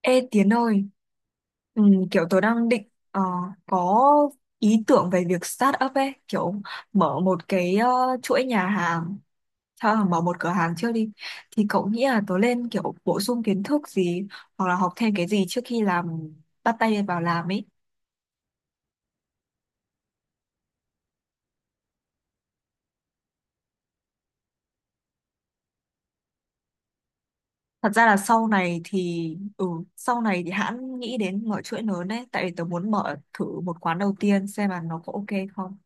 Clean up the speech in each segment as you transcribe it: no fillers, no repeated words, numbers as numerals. Ê Tiến ơi! Ừ, kiểu tôi đang định có ý tưởng về việc start up ấy, kiểu mở một cái chuỗi nhà hàng, thôi là mở một cửa hàng trước đi. Thì cậu nghĩ là tôi nên kiểu bổ sung kiến thức gì hoặc là học thêm cái gì trước khi bắt tay vào làm ấy. Thật ra là sau này thì, ừ, sau này thì hãng nghĩ đến mở chuỗi lớn đấy, tại vì tôi muốn mở thử một quán đầu tiên xem là nó có ok không.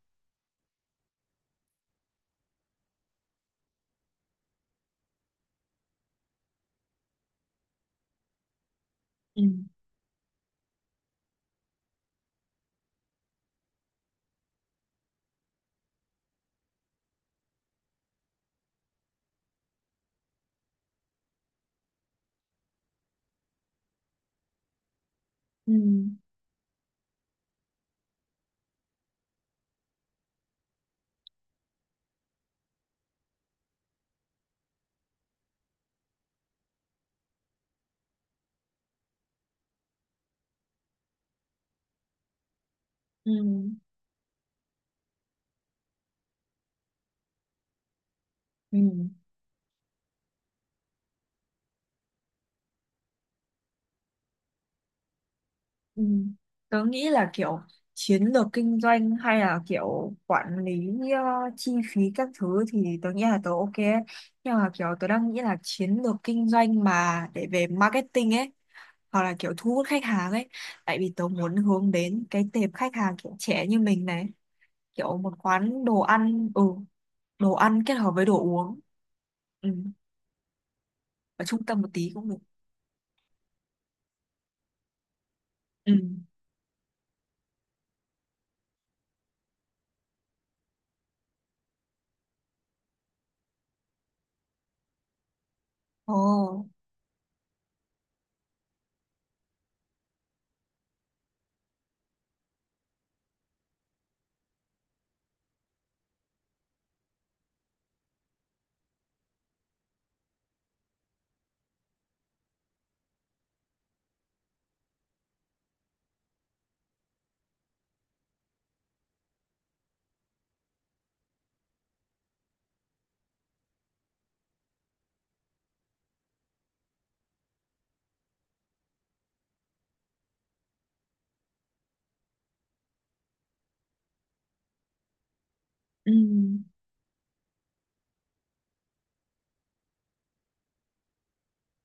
Ừ. Ừ. Ừ. Ừ. Ừ. Tớ nghĩ là kiểu chiến lược kinh doanh hay là kiểu quản lý chi phí các thứ thì tớ nghĩ là tớ ok ấy. Nhưng mà kiểu tớ đang nghĩ là chiến lược kinh doanh mà để về marketing ấy, hoặc là kiểu thu hút khách hàng ấy, tại vì tớ muốn hướng đến cái tệp khách hàng kiểu trẻ như mình này, kiểu một quán đồ ăn. Ừ. Đồ ăn kết hợp với đồ uống. Ừ. Ở trung tâm một tí cũng được. Ừ. Ồ. Ừ.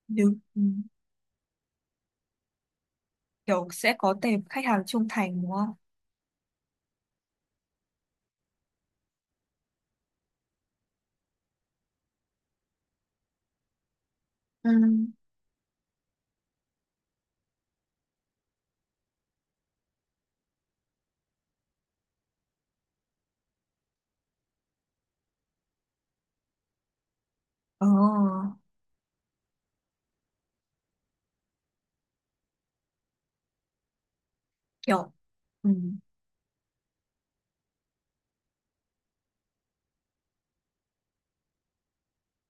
Được. Ừ. Kiểu sẽ có tệp khách hàng trung thành đúng không? Ừ. Ờ, kiểu, ừ,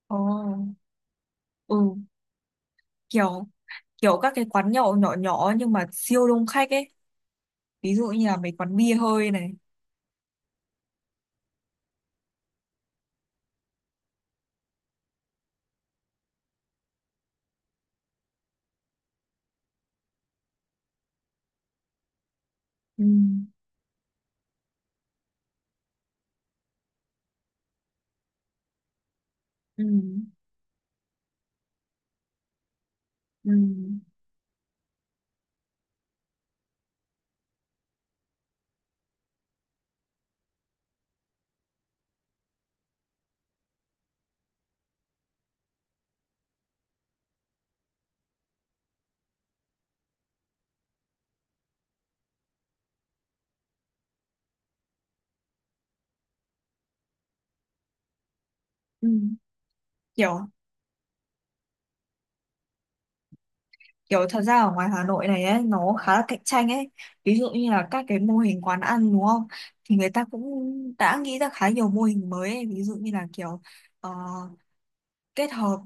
ờ, ừ, kiểu kiểu các cái quán nhậu nhỏ nhỏ nhưng mà siêu đông khách ấy. Ví dụ như là mấy quán bia hơi này. Ừ, ừ, ừ, ừ. Kiểu kiểu thật ra ở ngoài Hà Nội này ấy nó khá là cạnh tranh ấy. Ví dụ như là các cái mô hình quán ăn đúng không? Thì người ta cũng đã nghĩ ra khá nhiều mô hình mới ấy. Ví dụ như là kiểu ờ, kết hợp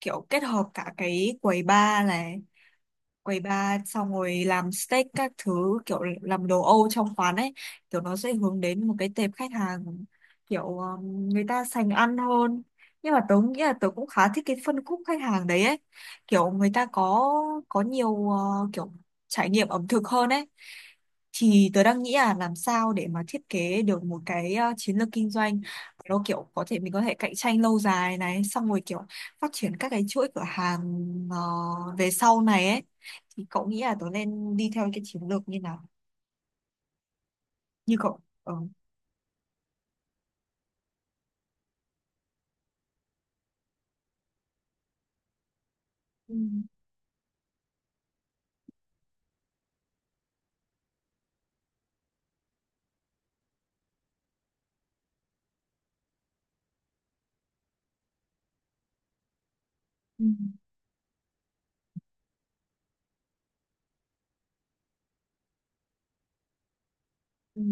kiểu kết hợp cả cái quầy bar này, quầy bar xong rồi làm steak các thứ, kiểu làm đồ Âu trong quán ấy, kiểu nó sẽ hướng đến một cái tệp khách hàng kiểu người ta sành ăn hơn, nhưng mà tớ nghĩ là tớ cũng khá thích cái phân khúc khách hàng đấy ấy, kiểu người ta có nhiều kiểu trải nghiệm ẩm thực hơn ấy. Thì tớ đang nghĩ là làm sao để mà thiết kế được một cái chiến lược kinh doanh nó kiểu có thể mình có thể cạnh tranh lâu dài này, xong rồi kiểu phát triển các cái chuỗi cửa hàng về sau này ấy, thì cậu nghĩ là tớ nên đi theo cái chiến lược như nào như cậu. Ờ, ừ, ừ, ừ,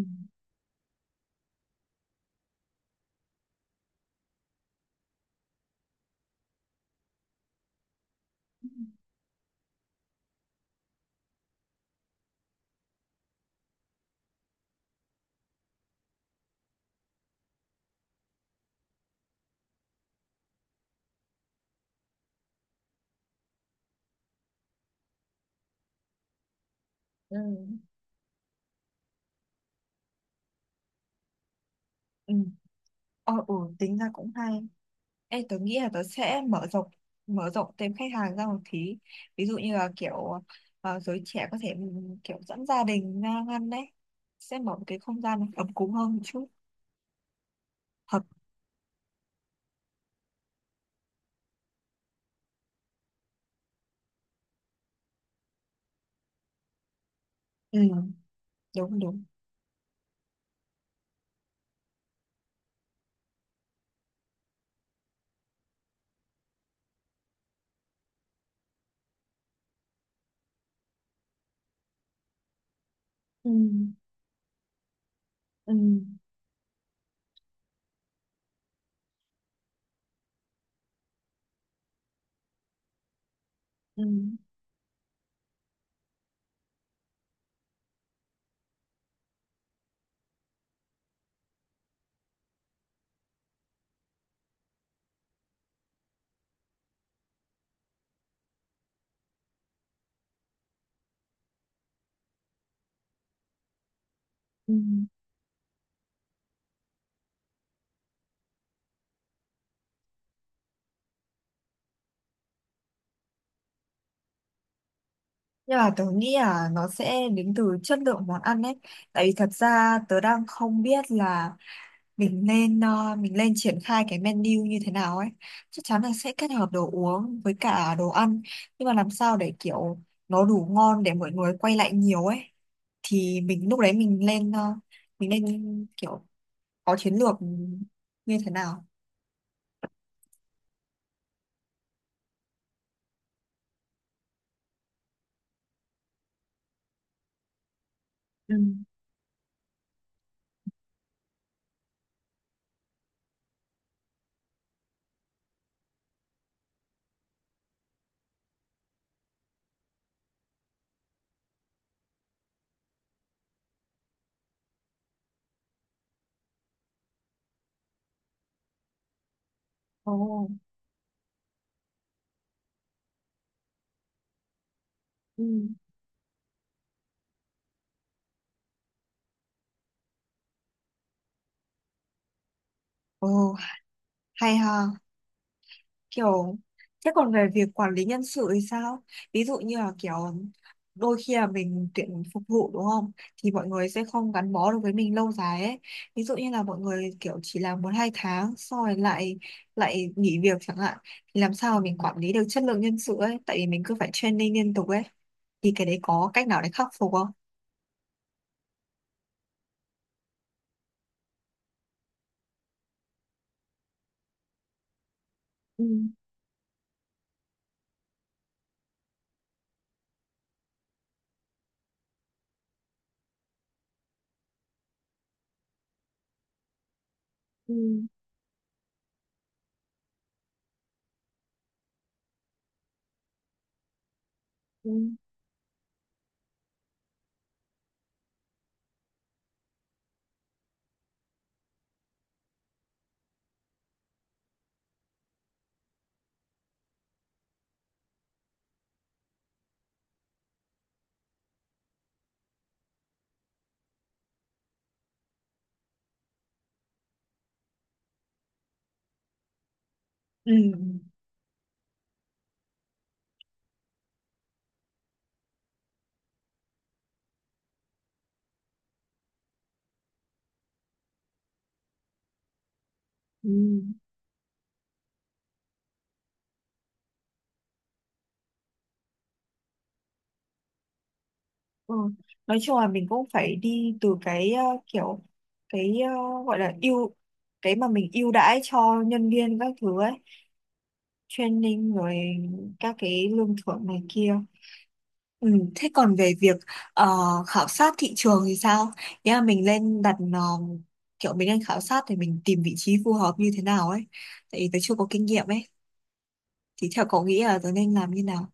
ừ, ừ, ừ, ờ, ừ, tính ra cũng hay. Ê, tớ nghĩ là tớ sẽ mở rộng thêm khách hàng ra một tí, ví dụ như là kiểu giới trẻ có thể, ừ, kiểu dẫn gia đình ra ăn đấy, sẽ mở một cái không gian ấm cúng hơn một chút. Hợp. Ừ. Đúng, đúng. Ừ. Ừ. Ừ. Ừ. Nhưng mà tớ nghĩ là nó sẽ đến từ chất lượng món ăn ấy. Tại vì thật ra tớ đang không biết là mình lên triển khai cái menu như thế nào ấy. Chắc chắn là sẽ kết hợp đồ uống với cả đồ ăn. Nhưng mà làm sao để kiểu nó đủ ngon để mọi người quay lại nhiều ấy. Thì mình lúc đấy mình nên kiểu có chiến lược như thế nào. Ừ. Ồ. Ừ. Ồ, hay ha. Kiểu thế còn về việc quản lý nhân sự thì sao? Ví dụ như là kiểu đôi khi là mình tuyển phục vụ đúng không, thì mọi người sẽ không gắn bó được với mình lâu dài ấy, ví dụ như là mọi người kiểu chỉ làm một hai tháng xong rồi lại lại nghỉ việc chẳng hạn. Thì làm sao mà mình quản lý được chất lượng nhân sự ấy, tại vì mình cứ phải training liên tục ấy, thì cái đấy có cách nào để khắc phục không? Ừ. Ừ. Ừ. Ừ. Ừ. Ừ. Nói chung là mình cũng phải đi từ cái kiểu cái gọi là ưu, cái mà mình ưu đãi cho nhân viên các thứ ấy, training rồi các cái lương thưởng này kia. Ừ. Thế còn về việc ờ, khảo sát thị trường thì sao? Nghĩa là mình lên đặt kiểu mình lên khảo sát thì mình tìm vị trí phù hợp như thế nào ấy, tại vì tớ chưa có kinh nghiệm ấy, thì theo cậu nghĩ là tớ nên làm như nào?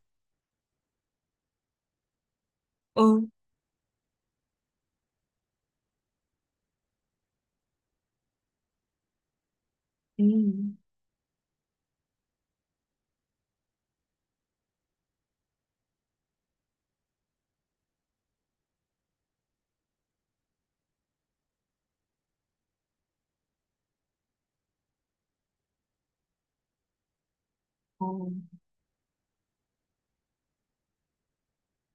Ừ. Ừ. Ừ.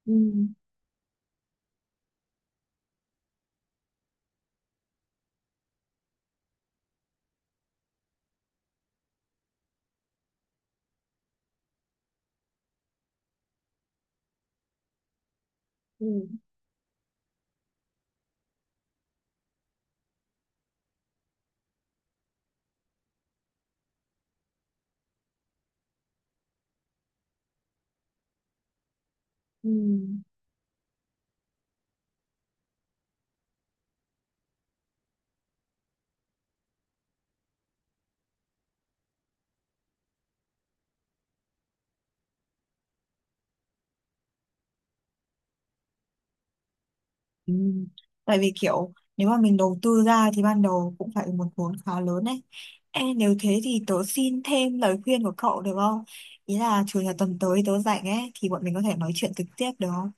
Ừ. Ừ. Ừ. Ừ. Tại vì kiểu nếu mà mình đầu tư ra thì ban đầu cũng phải một vốn khá lớn đấy. Em nếu thế thì tớ xin thêm lời khuyên của cậu được không? Ý là chủ nhật tuần tới tớ rảnh ấy, thì bọn mình có thể nói chuyện trực tiếp được không?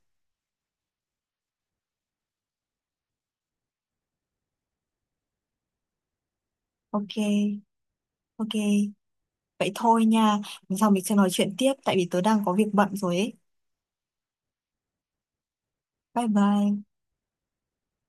Ok, ok. Vậy thôi nha. Lần sau mình sẽ nói chuyện tiếp tại vì tớ đang có việc bận rồi ấy. Bye bye.